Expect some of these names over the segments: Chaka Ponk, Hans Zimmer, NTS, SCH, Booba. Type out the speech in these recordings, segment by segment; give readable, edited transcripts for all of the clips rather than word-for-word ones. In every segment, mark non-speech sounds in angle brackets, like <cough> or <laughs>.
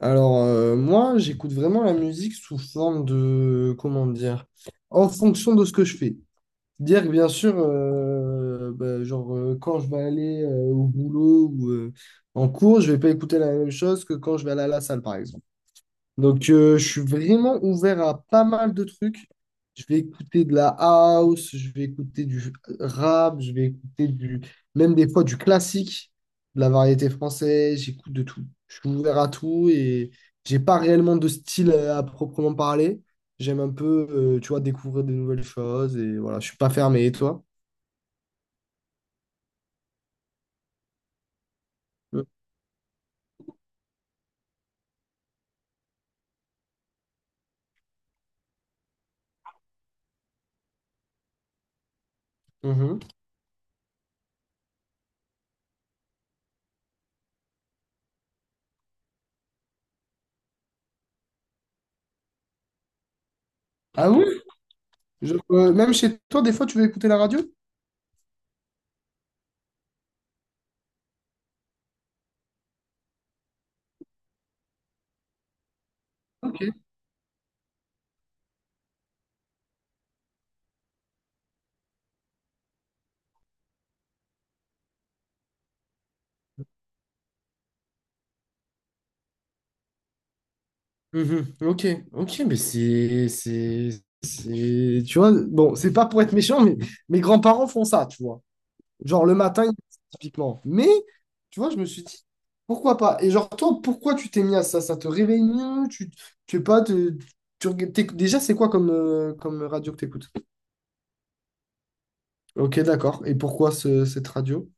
Alors, moi, j'écoute vraiment la musique sous forme de, comment dire, en fonction de ce que je fais. Dire que bien sûr, bah, genre, quand je vais aller au boulot ou en cours, je vais pas écouter la même chose que quand je vais aller à la salle, par exemple. Donc, je suis vraiment ouvert à pas mal de trucs. Je vais écouter de la house, je vais écouter du rap, je vais écouter même des fois du classique, de la variété française, j'écoute de tout. Je suis ouvert à tout et j'ai pas réellement de style à proprement parler. J'aime un peu, tu vois, découvrir de nouvelles choses et voilà, je suis pas fermé. Et toi? Mhm. Ah oui? Même chez toi, des fois, tu veux écouter la radio? Ok. Mhm. Ok, ok, mais tu vois, bon, c'est pas pour être méchant, mais mes grands-parents font ça, tu vois. Genre le matin, typiquement. Mais, tu vois, je me suis dit, pourquoi pas? Et genre, toi, pourquoi tu t'es mis à ça? Ça te réveille mieux? Tu sais pas, déjà, c'est quoi comme, comme radio que t'écoutes? Ok, d'accord. Et pourquoi cette radio?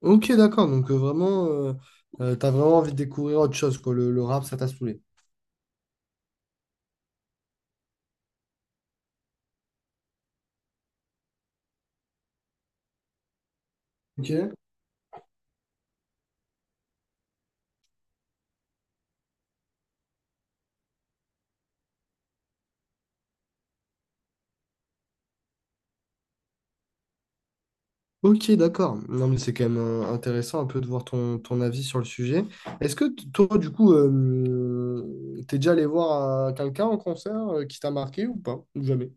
Ok, d'accord. Donc vraiment, t'as vraiment envie de découvrir autre chose, quoi. Le rap, ça t'a saoulé. Ok. Ok, d'accord. Non, mais c'est quand même intéressant un peu de voir ton avis sur le sujet. Est-ce que toi, du coup, t'es déjà allé voir quelqu'un en concert qui t'a marqué ou pas? Ou jamais?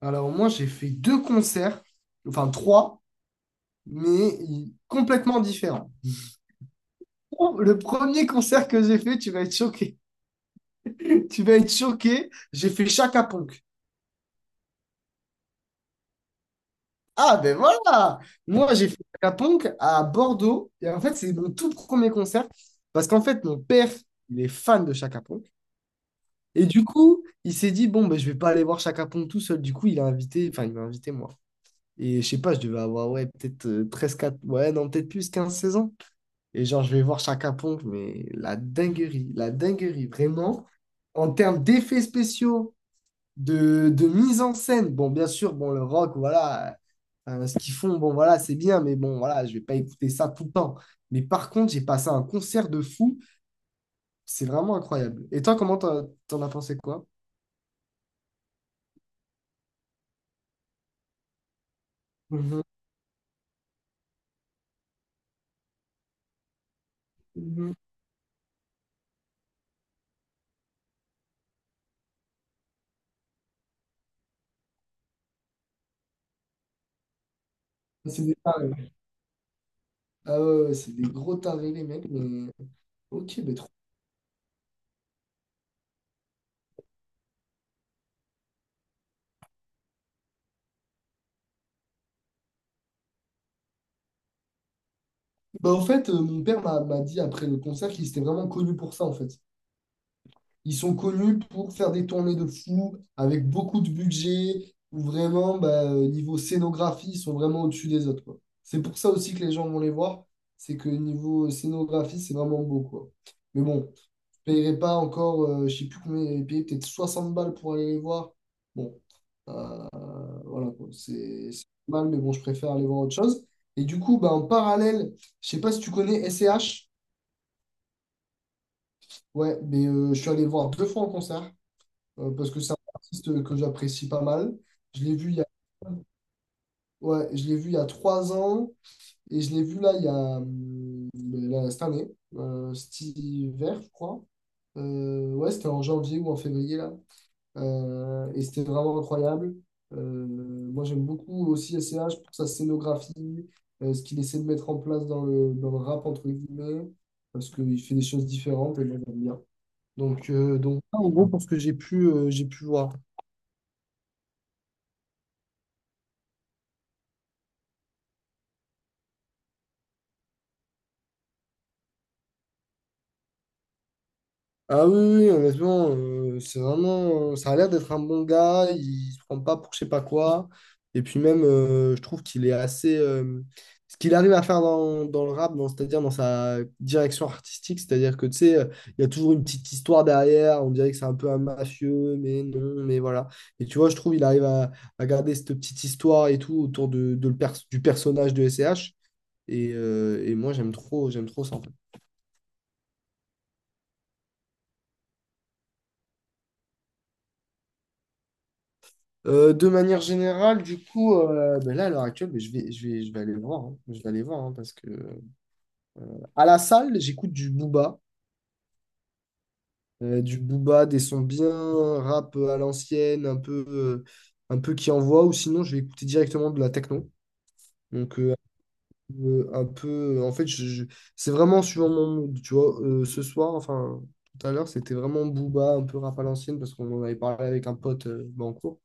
Alors moi, j'ai fait deux concerts, enfin trois, mais complètement différents. Oh, le premier concert que j'ai fait, tu vas être choqué. <laughs> Tu vas être choqué. J'ai fait Chaka Ponk. Ah ben voilà! Moi, j'ai fait Chaka Ponk à Bordeaux. Et en fait, c'est mon tout premier concert. Parce qu'en fait, mon père, il est fan de Chaka Ponk. Et du coup, il s'est dit, bon, ben, je vais pas aller voir Chaka Ponk tout seul. Du coup, il a invité, enfin, il m'a invité moi. Et je sais pas, je devais avoir, ouais, peut-être 13, 4, ouais, non, peut-être plus, 15 16 ans. Et genre, je vais voir Chaka Pong, mais la dinguerie, vraiment. En termes d'effets spéciaux, de mise en scène, bon, bien sûr, bon, le rock, voilà, ce qu'ils font, bon, voilà, c'est bien, mais bon, voilà, je vais pas écouter ça tout le temps. Mais par contre, j'ai passé un concert de fou, c'est vraiment incroyable. Et toi, comment t'en as pensé quoi? Mhm, mhm. C'est des tarés. Ah ouais, ouais, c'est des gros tarés, les mecs, mais ok, mais trop. Bah, en fait, mon père m'a dit après le concert qu'il était vraiment connu pour ça, en fait. Ils sont connus pour faire des tournées de fou avec beaucoup de budget, où vraiment, bah, niveau scénographie, ils sont vraiment au-dessus des autres, quoi. C'est pour ça aussi que les gens vont les voir, c'est que niveau scénographie, c'est vraiment beau, quoi. Mais bon, je ne payerais pas encore, je ne sais plus combien j'avais payé, peut-être 60 balles pour aller les voir. Bon, euh, voilà, quoi. C'est mal, mais bon, je préfère aller voir autre chose. Et du coup, bah, en parallèle, je ne sais pas si tu connais SCH. Ouais, mais je suis allé le voir deux fois en concert. Parce que c'est un artiste que j'apprécie pas mal. Je l'ai vu il y a, Ouais, je l'ai vu il y a 3 ans et je l'ai vu là il y a là, cette année, cet hiver, je crois. Ouais, c'était en janvier ou en février là. Et c'était vraiment incroyable. Euh, Moi, j'aime beaucoup aussi S C H pour sa scénographie, ce qu'il essaie de mettre en place dans le rap, entre guillemets, parce qu'il fait des choses différentes et moi, j'aime bien. Donc, ça, en gros, pour ce que j'ai pu voir. Ah oui, oui, oui, honnêtement, c'est vraiment, ça a l'air d'être un bon gars, il se prend pas pour je sais pas quoi. Et puis même, je trouve qu'il est assez, ce qu'il arrive à faire dans, dans le rap, c'est-à-dire dans sa direction artistique, c'est-à-dire que tu sais, il y a toujours une petite histoire derrière, on dirait que c'est un peu un mafieux, mais non, mais voilà. Et tu vois, je trouve il arrive à garder cette petite histoire et tout autour du personnage de S C H. Et moi, j'aime trop ça. De manière générale, du coup, ben là, à l'heure actuelle, ben, je vais aller voir. Hein. Je vais aller voir, hein, parce que bah, à la salle, j'écoute du Booba, du Booba, des sons bien rap à l'ancienne, un peu qui envoie, ou sinon, je vais écouter directement de la techno. Donc, un peu, en fait, c'est vraiment suivant mon mood. Tu vois, ce soir, enfin, tout à l'heure, c'était vraiment Booba, un peu rap à l'ancienne parce qu'on en avait parlé avec un pote ben, en cours.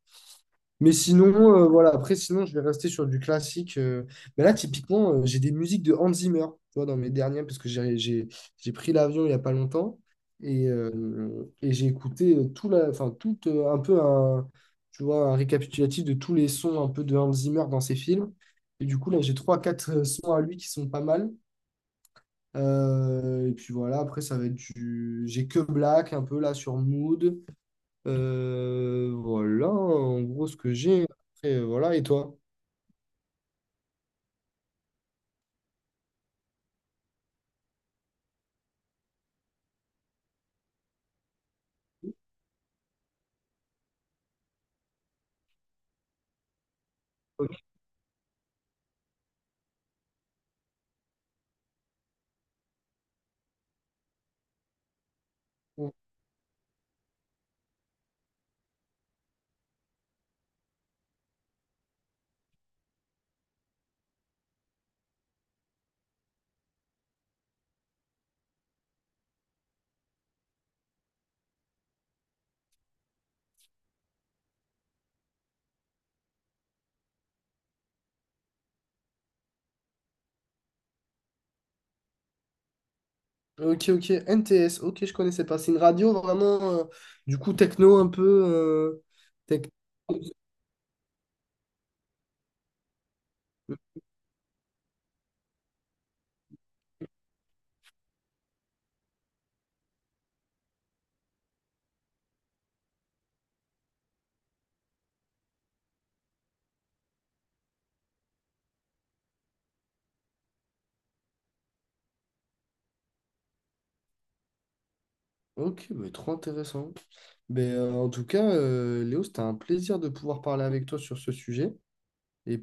Mais sinon, voilà, après, sinon, je vais rester sur du classique. Mais là, typiquement, j'ai des musiques de Hans Zimmer, tu vois, dans mes dernières, parce que j'ai pris l'avion il n'y a pas longtemps. Et j'ai écouté tout la, enfin, tout, un peu un, tu vois, un récapitulatif de tous les sons un peu de Hans Zimmer dans ses films. Et du coup, là, j'ai trois, quatre sons à lui qui sont pas mal. Et puis voilà, après, ça va être du. J'ai que Black, un peu là, sur Mood. Voilà, en gros, ce que j'ai. Après, voilà, et toi? Ok, ok, ok. NTS, ok, je connaissais pas. C'est une radio vraiment, du coup, techno un peu. Tec- Ok, mais trop intéressant. Mais en tout cas, Léo, c'était un plaisir de pouvoir parler avec toi sur ce sujet. Et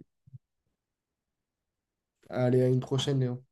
allez, à une prochaine, Léo.